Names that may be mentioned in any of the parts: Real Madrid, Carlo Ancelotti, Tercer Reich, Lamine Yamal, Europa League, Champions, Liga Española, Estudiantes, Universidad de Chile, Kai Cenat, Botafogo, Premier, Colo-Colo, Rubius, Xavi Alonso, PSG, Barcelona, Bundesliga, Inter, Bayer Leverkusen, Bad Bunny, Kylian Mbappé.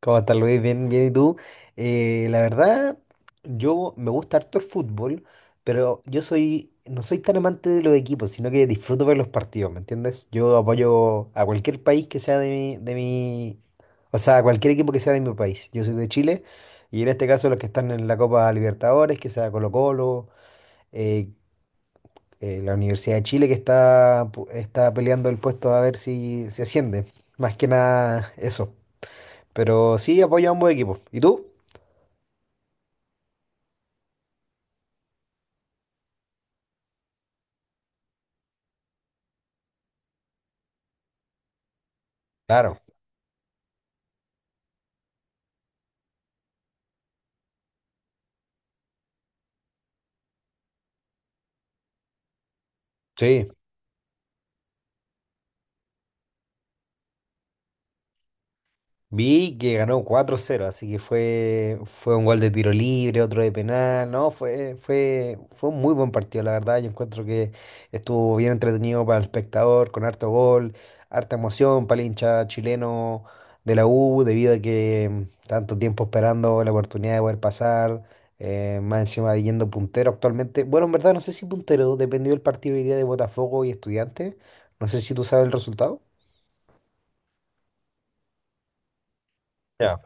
¿Cómo estás, Luis? Bien, bien, ¿y tú? La verdad, yo me gusta harto el fútbol, pero no soy tan amante de los equipos, sino que disfruto ver los partidos, ¿me entiendes? Yo apoyo a cualquier país que sea o sea, a cualquier equipo que sea de mi país. Yo soy de Chile, y en este caso los que están en la Copa Libertadores, que sea Colo-Colo, eh, la Universidad de Chile que está peleando el puesto a ver si se asciende. Más que nada eso. Pero sí apoyo a ambos equipos. ¿Y tú? Claro, sí. Vi que ganó cuatro cero, así que fue un gol de tiro libre, otro de penal, no, fue un muy buen partido, la verdad. Yo encuentro que estuvo bien entretenido para el espectador, con harto gol, harta emoción para el hincha chileno de la U, debido a que tanto tiempo esperando la oportunidad de poder pasar, más encima yendo puntero actualmente. Bueno, en verdad no sé si puntero, dependió del partido hoy día de Botafogo y Estudiantes. No sé si tú sabes el resultado. Ya,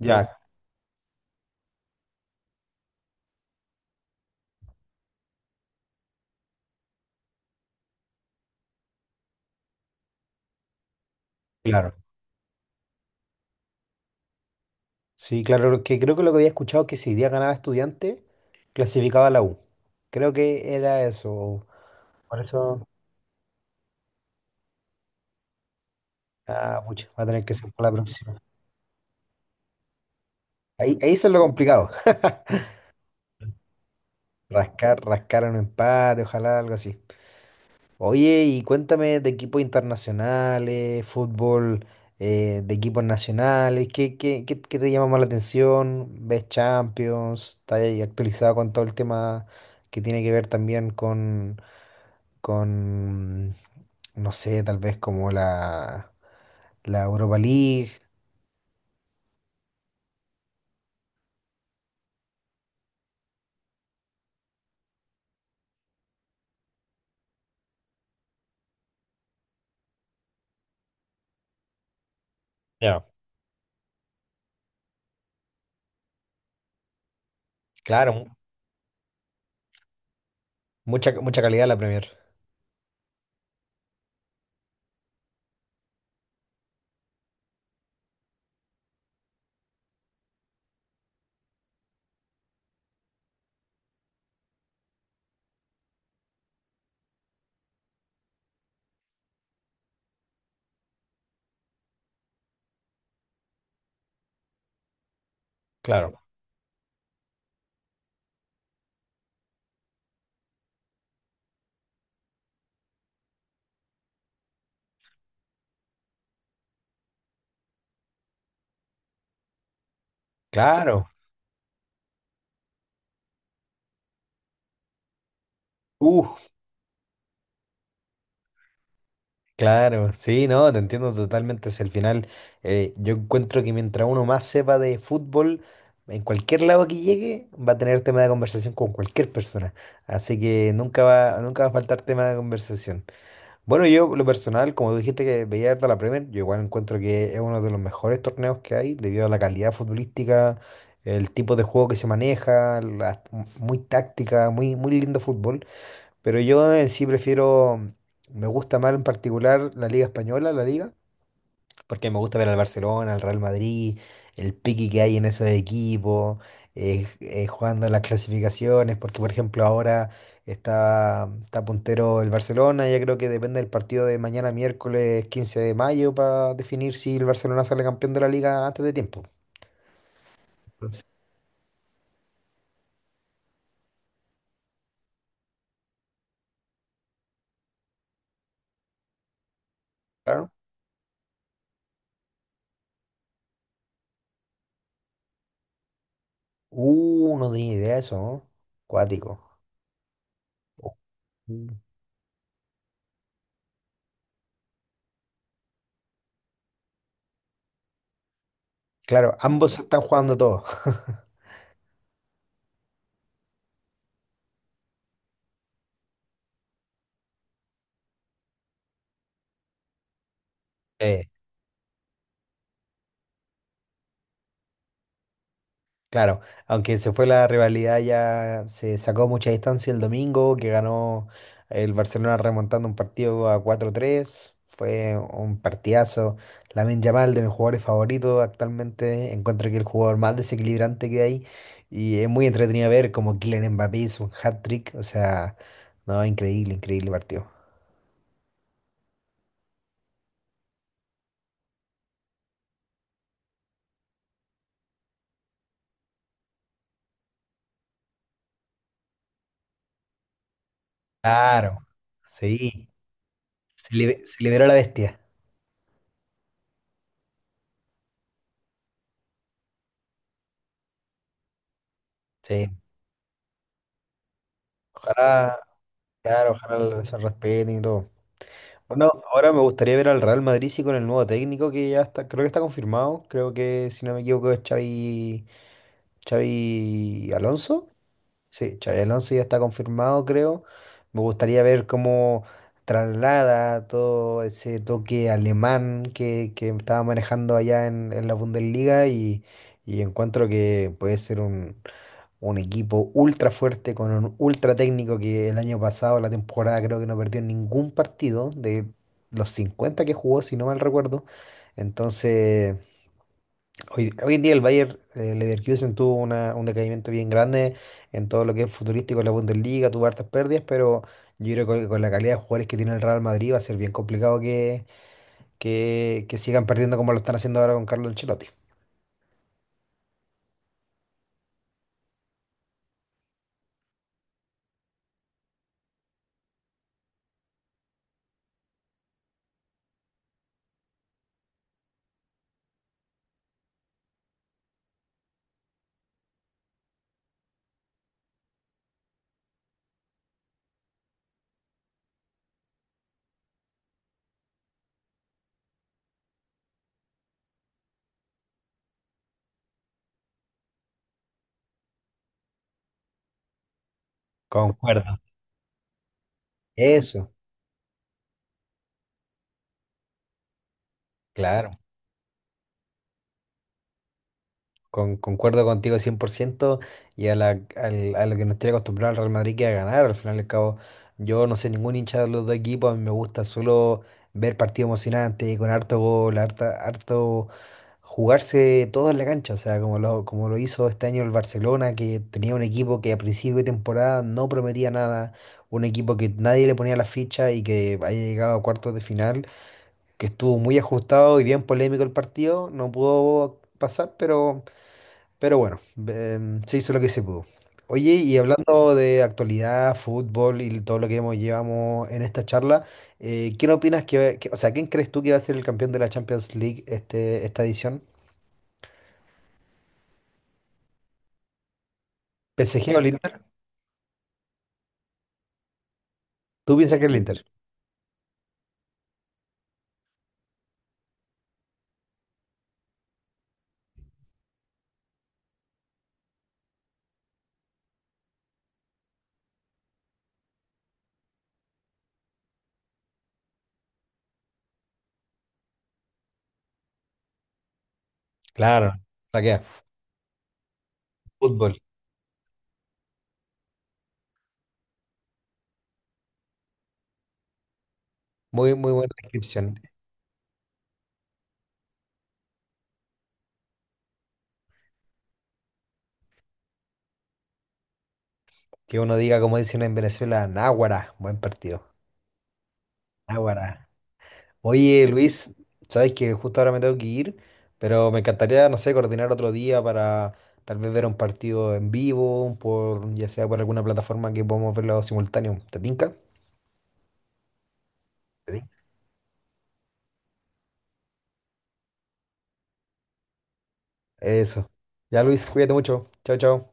ya, claro. Sí, claro, que creo que lo que había escuchado que si hoy día ganaba estudiante, clasificaba a la U. Creo que era eso. Por eso, ah, pucha, va a tener que ser para la próxima. Ahí eso es lo complicado. Rascar un empate, ojalá algo así. Oye, y cuéntame de equipos internacionales, fútbol de equipos nacionales, ¿qué te llama más la atención? ¿Ves Champions? ¿Estás ahí actualizado con todo el tema que tiene que ver también con, no sé, tal vez como la Europa League? Ya, claro, mucha, mucha calidad la Premier. Claro, claro. Uh, claro, sí, no, te entiendo totalmente. Es el final. Yo encuentro que mientras uno más sepa de fútbol, en cualquier lado que llegue, va a tener tema de conversación con cualquier persona. Así que nunca va a faltar tema de conversación. Bueno, yo, lo personal, como tú dijiste que veía harto la Premier, yo igual encuentro que es uno de los mejores torneos que hay, debido a la calidad futbolística, el tipo de juego que se maneja, muy táctica, muy lindo fútbol. Pero yo en sí prefiero, me gusta más en particular la Liga Española, la Liga, porque me gusta ver al Barcelona, al Real Madrid, el pique que hay en esos equipos, jugando las clasificaciones, porque por ejemplo ahora está puntero el Barcelona, ya creo que depende del partido de mañana miércoles 15 de mayo para definir si el Barcelona sale campeón de la Liga antes de tiempo. Entonces, claro. No tenía idea de eso, ¿no? Cuático. Mm. Claro, ambos están jugando todo. Eh, claro, aunque se fue la rivalidad, ya se sacó mucha distancia el domingo, que ganó el Barcelona remontando un partido a cuatro tres. Fue un partidazo. Lamine Yamal, de mis jugadores favoritos actualmente, encuentro que el jugador más desequilibrante que hay. Y es muy entretenido ver como Kylian Mbappé hizo un hat-trick. O sea, no, increíble, increíble partido. Claro, sí. Se liberó la bestia. Sí. Ojalá, claro, ojalá se respeten y todo. Bueno, ahora me gustaría ver al Real Madrid sí, con el nuevo técnico que ya está, creo que está confirmado. Creo que, si no me equivoco, es Xavi, Xavi Alonso. Sí, Xavi Alonso ya está confirmado, creo. Me gustaría ver cómo traslada todo ese toque alemán que estaba manejando allá en la Bundesliga y encuentro que puede ser un equipo ultra fuerte con un ultra técnico que el año pasado, la temporada, creo que no perdió ningún partido de los 50 que jugó, si no mal recuerdo. Entonces, hoy en día el Bayer Leverkusen tuvo un decaimiento bien grande en todo lo que es futurístico en la Bundesliga, tuvo hartas pérdidas, pero yo creo que con la calidad de jugadores que tiene el Real Madrid va a ser bien complicado que sigan perdiendo como lo están haciendo ahora con Carlo Ancelotti. Concuerdo. Eso, claro. Concuerdo contigo 100% y a, la, a lo que nos tiene acostumbrado el Real Madrid, que a ganar. Al final y al cabo, yo no soy ningún hincha de los dos equipos. A mí me gusta solo ver partidos emocionantes con harto gol, harto jugarse todo en la cancha. O sea, como lo hizo este año el Barcelona, que tenía un equipo que a principio de temporada no prometía nada, un equipo que nadie le ponía la ficha y que haya llegado a cuartos de final, que estuvo muy ajustado y bien polémico el partido. No pudo pasar, pero. Pero bueno, se hizo lo que se pudo. Oye, y hablando de actualidad, fútbol y todo lo que hemos, llevamos en esta charla, ¿quién opinas o sea, quién crees tú que va a ser el campeón de la Champions League este, esta edición? ¿PSG o el Inter? ¿Tú piensas que el Inter? Claro, la que fútbol. Muy, muy buena descripción. Que uno diga, como dicen en Venezuela, Náguara, buen partido. Náguara. Oye, Luis, sabes que justo ahora me tengo que ir, pero me encantaría, no sé, coordinar otro día para tal vez ver un partido en vivo, por, ya sea por alguna plataforma que podamos verlo simultáneo. ¿Te tinca? ¿Te tinca? Eso. Ya, Luis, cuídate mucho. Chao, chao.